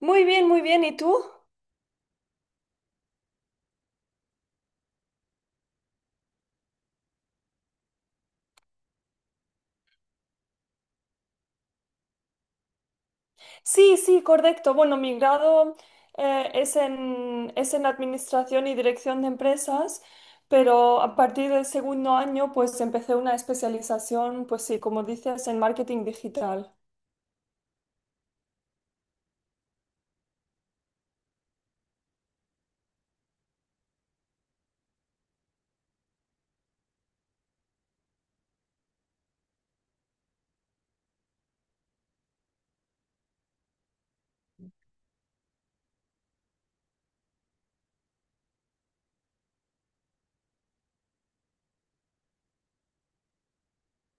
Muy bien, muy bien. ¿Y tú? Sí, sí, correcto. Bueno, mi grado es en Administración y Dirección de Empresas, pero a partir del segundo año pues empecé una especialización, pues sí, como dices, en marketing digital.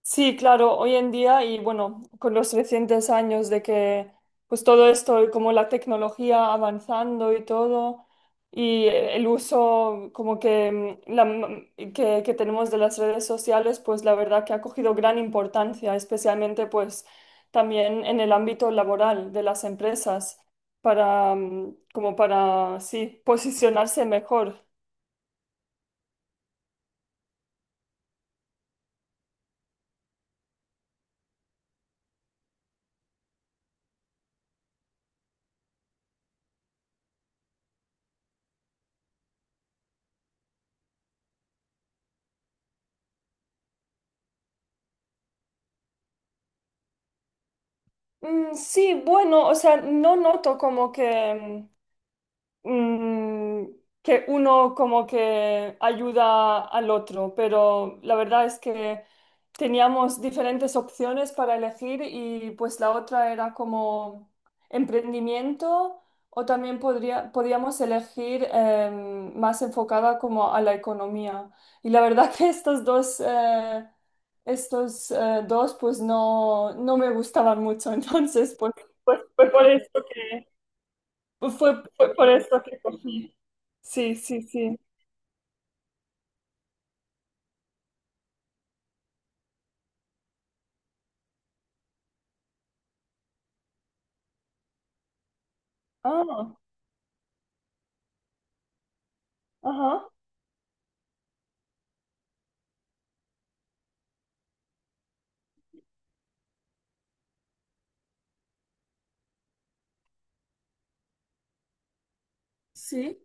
Sí, claro, hoy en día y bueno, con los recientes años de que pues todo esto, como la tecnología avanzando y todo, y el uso como que, que tenemos de las redes sociales, pues la verdad que ha cogido gran importancia, especialmente pues también en el ámbito laboral de las empresas, para, como para, sí, posicionarse mejor. Sí, bueno, o sea, no noto como que... mm, mm, que uno como que ayuda al otro, pero la verdad es que teníamos diferentes opciones para elegir y pues la otra era como emprendimiento o también podíamos elegir más enfocada como a la economía. Y la verdad que estos dos pues no, no me gustaban mucho, entonces pues, pues fue por eso pues fue por esto que cogí. Sí, sí, sí. Ah, ajá, sí.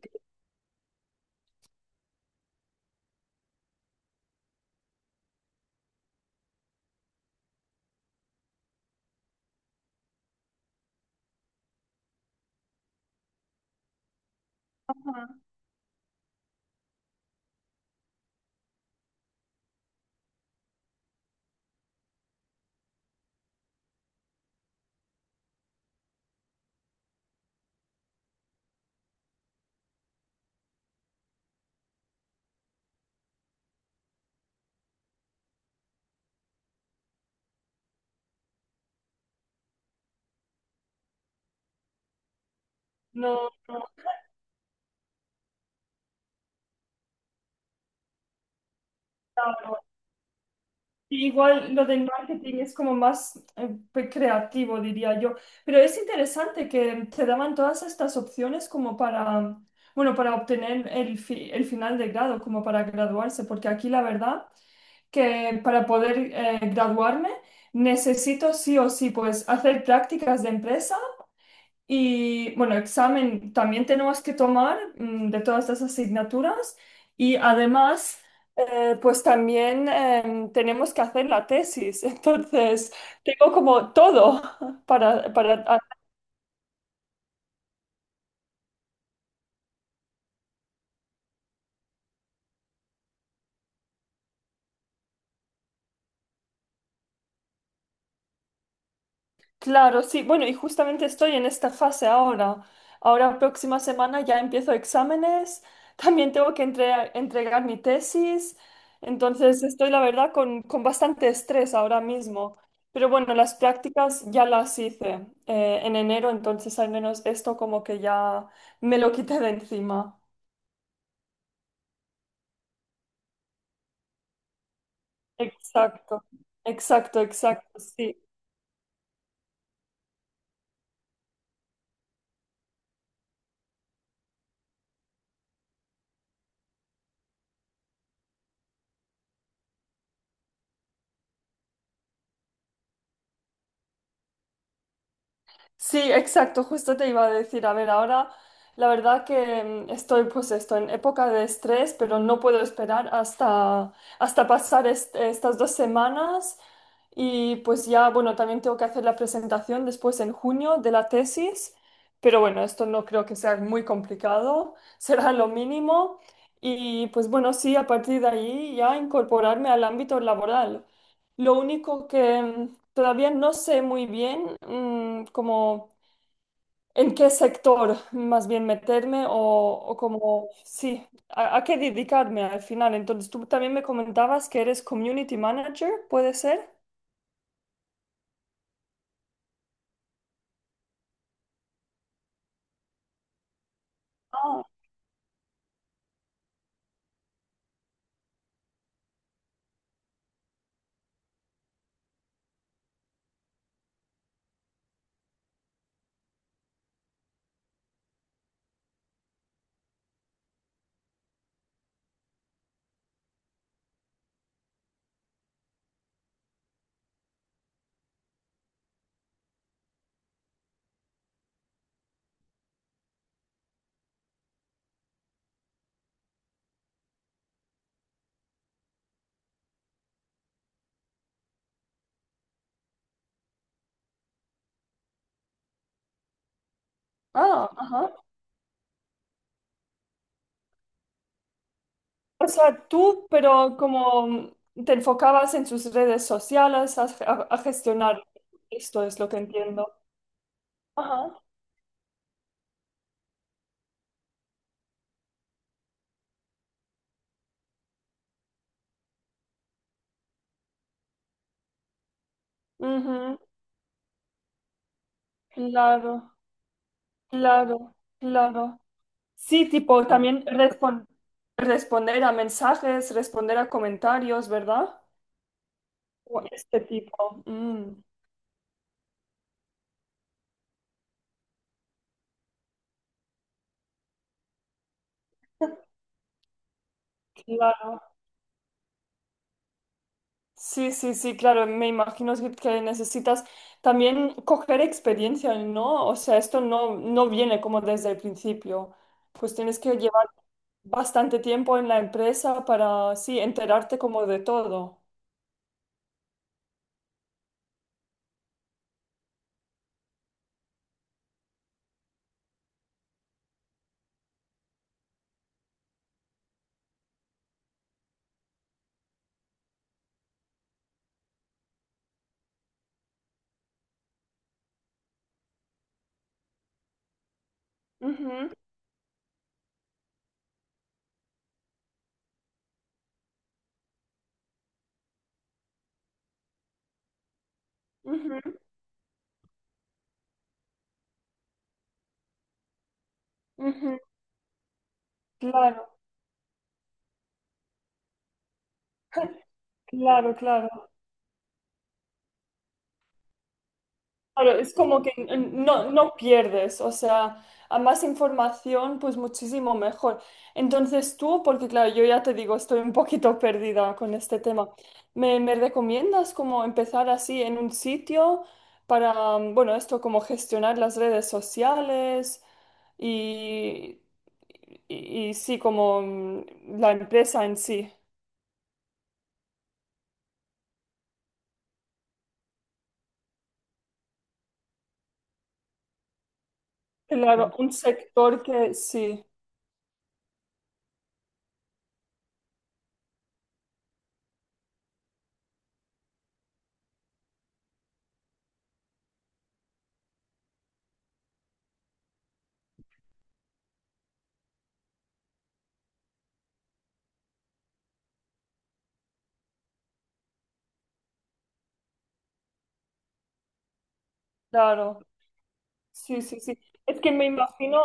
No, no, claro. Y igual lo del marketing es como más pues, creativo, diría yo. Pero es interesante que te daban todas estas opciones como para, bueno, para obtener el final de grado, como para graduarse, porque aquí la verdad que para poder graduarme necesito sí o sí pues hacer prácticas de empresa. Y bueno, examen también tenemos que tomar de todas las asignaturas y además pues también tenemos que hacer la tesis, entonces tengo como todo para hacer. Claro, sí, bueno, y justamente estoy en esta fase ahora. Ahora, próxima semana ya empiezo exámenes, también tengo que entregar mi tesis, entonces estoy, la verdad, con bastante estrés ahora mismo. Pero bueno, las prácticas ya las hice en enero, entonces al menos esto como que ya me lo quité de encima. Exacto, exacto, exacto, sí. Sí, exacto, justo te iba a decir, a ver, ahora la verdad que estoy pues esto en época de estrés, pero no puedo esperar hasta, hasta pasar estas dos semanas y pues ya, bueno, también tengo que hacer la presentación después en junio de la tesis, pero bueno, esto no creo que sea muy complicado, será lo mínimo y pues bueno, sí, a partir de ahí ya incorporarme al ámbito laboral. Lo único que, todavía no sé muy bien como en qué sector más bien meterme o como, sí, a qué dedicarme al final. Entonces, tú también me comentabas que eres community manager, ¿puede ser? Ah, ah, ajá. O sea, tú, pero como te enfocabas en sus redes sociales a, a gestionar. Esto es lo que entiendo. Ajá. Ujú. Claro, claro, claro. Sí, tipo, también responder a mensajes, responder a comentarios, ¿verdad? O este tipo. Claro. Sí, sí, sí, claro. Me imagino que necesitas también coger experiencia, ¿no? O sea, esto no, no viene como desde el principio. Pues tienes que llevar bastante tiempo en la empresa para, sí, enterarte como de todo. Ujú, ujú, ujú. Claro, claro, claro. Claro, es como que no, no pierdes, o sea, a más información, pues muchísimo mejor. Entonces tú, porque claro, yo ya te digo, estoy un poquito perdida con este tema, ¿me, me recomiendas como empezar así en un sitio para, bueno, esto como gestionar las redes sociales y, y sí, como la empresa en sí? Claro, un sector que sí, claro, sí, sí, sí. Es que me imagino.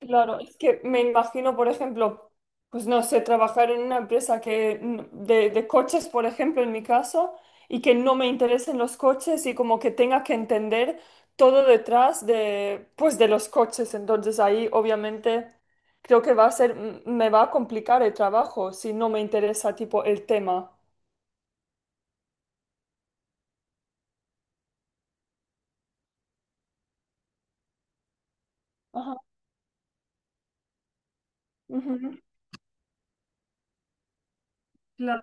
Claro, es que me imagino, por ejemplo, pues no sé, trabajar en una empresa que de coches, por ejemplo, en mi caso, y que no me interesen los coches y como que tenga que entender todo detrás de, pues, de los coches. Entonces ahí obviamente creo que va a ser, me va a complicar el trabajo si no me interesa tipo el tema. Ajá. Ujú, claro.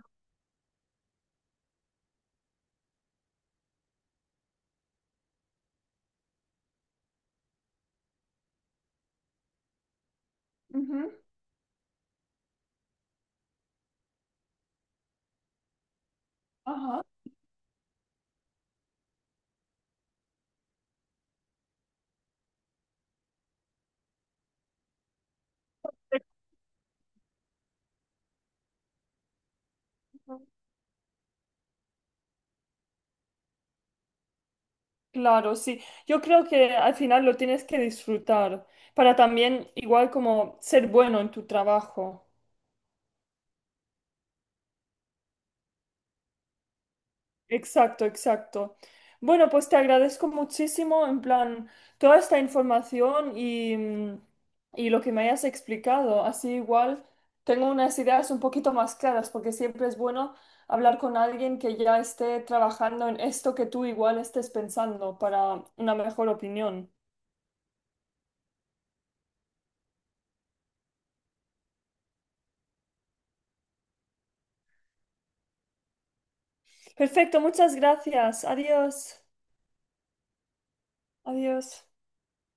Ujú, ajá. Claro, sí. Yo creo que al final lo tienes que disfrutar para también igual como ser bueno en tu trabajo. Exacto, exacto. Bueno, pues te agradezco muchísimo en plan toda esta información y, y lo que me hayas explicado. Así igual tengo unas ideas un poquito más claras porque siempre es bueno hablar con alguien que ya esté trabajando en esto que tú igual estés pensando para una mejor opinión. Perfecto, muchas gracias. Adiós. Adiós.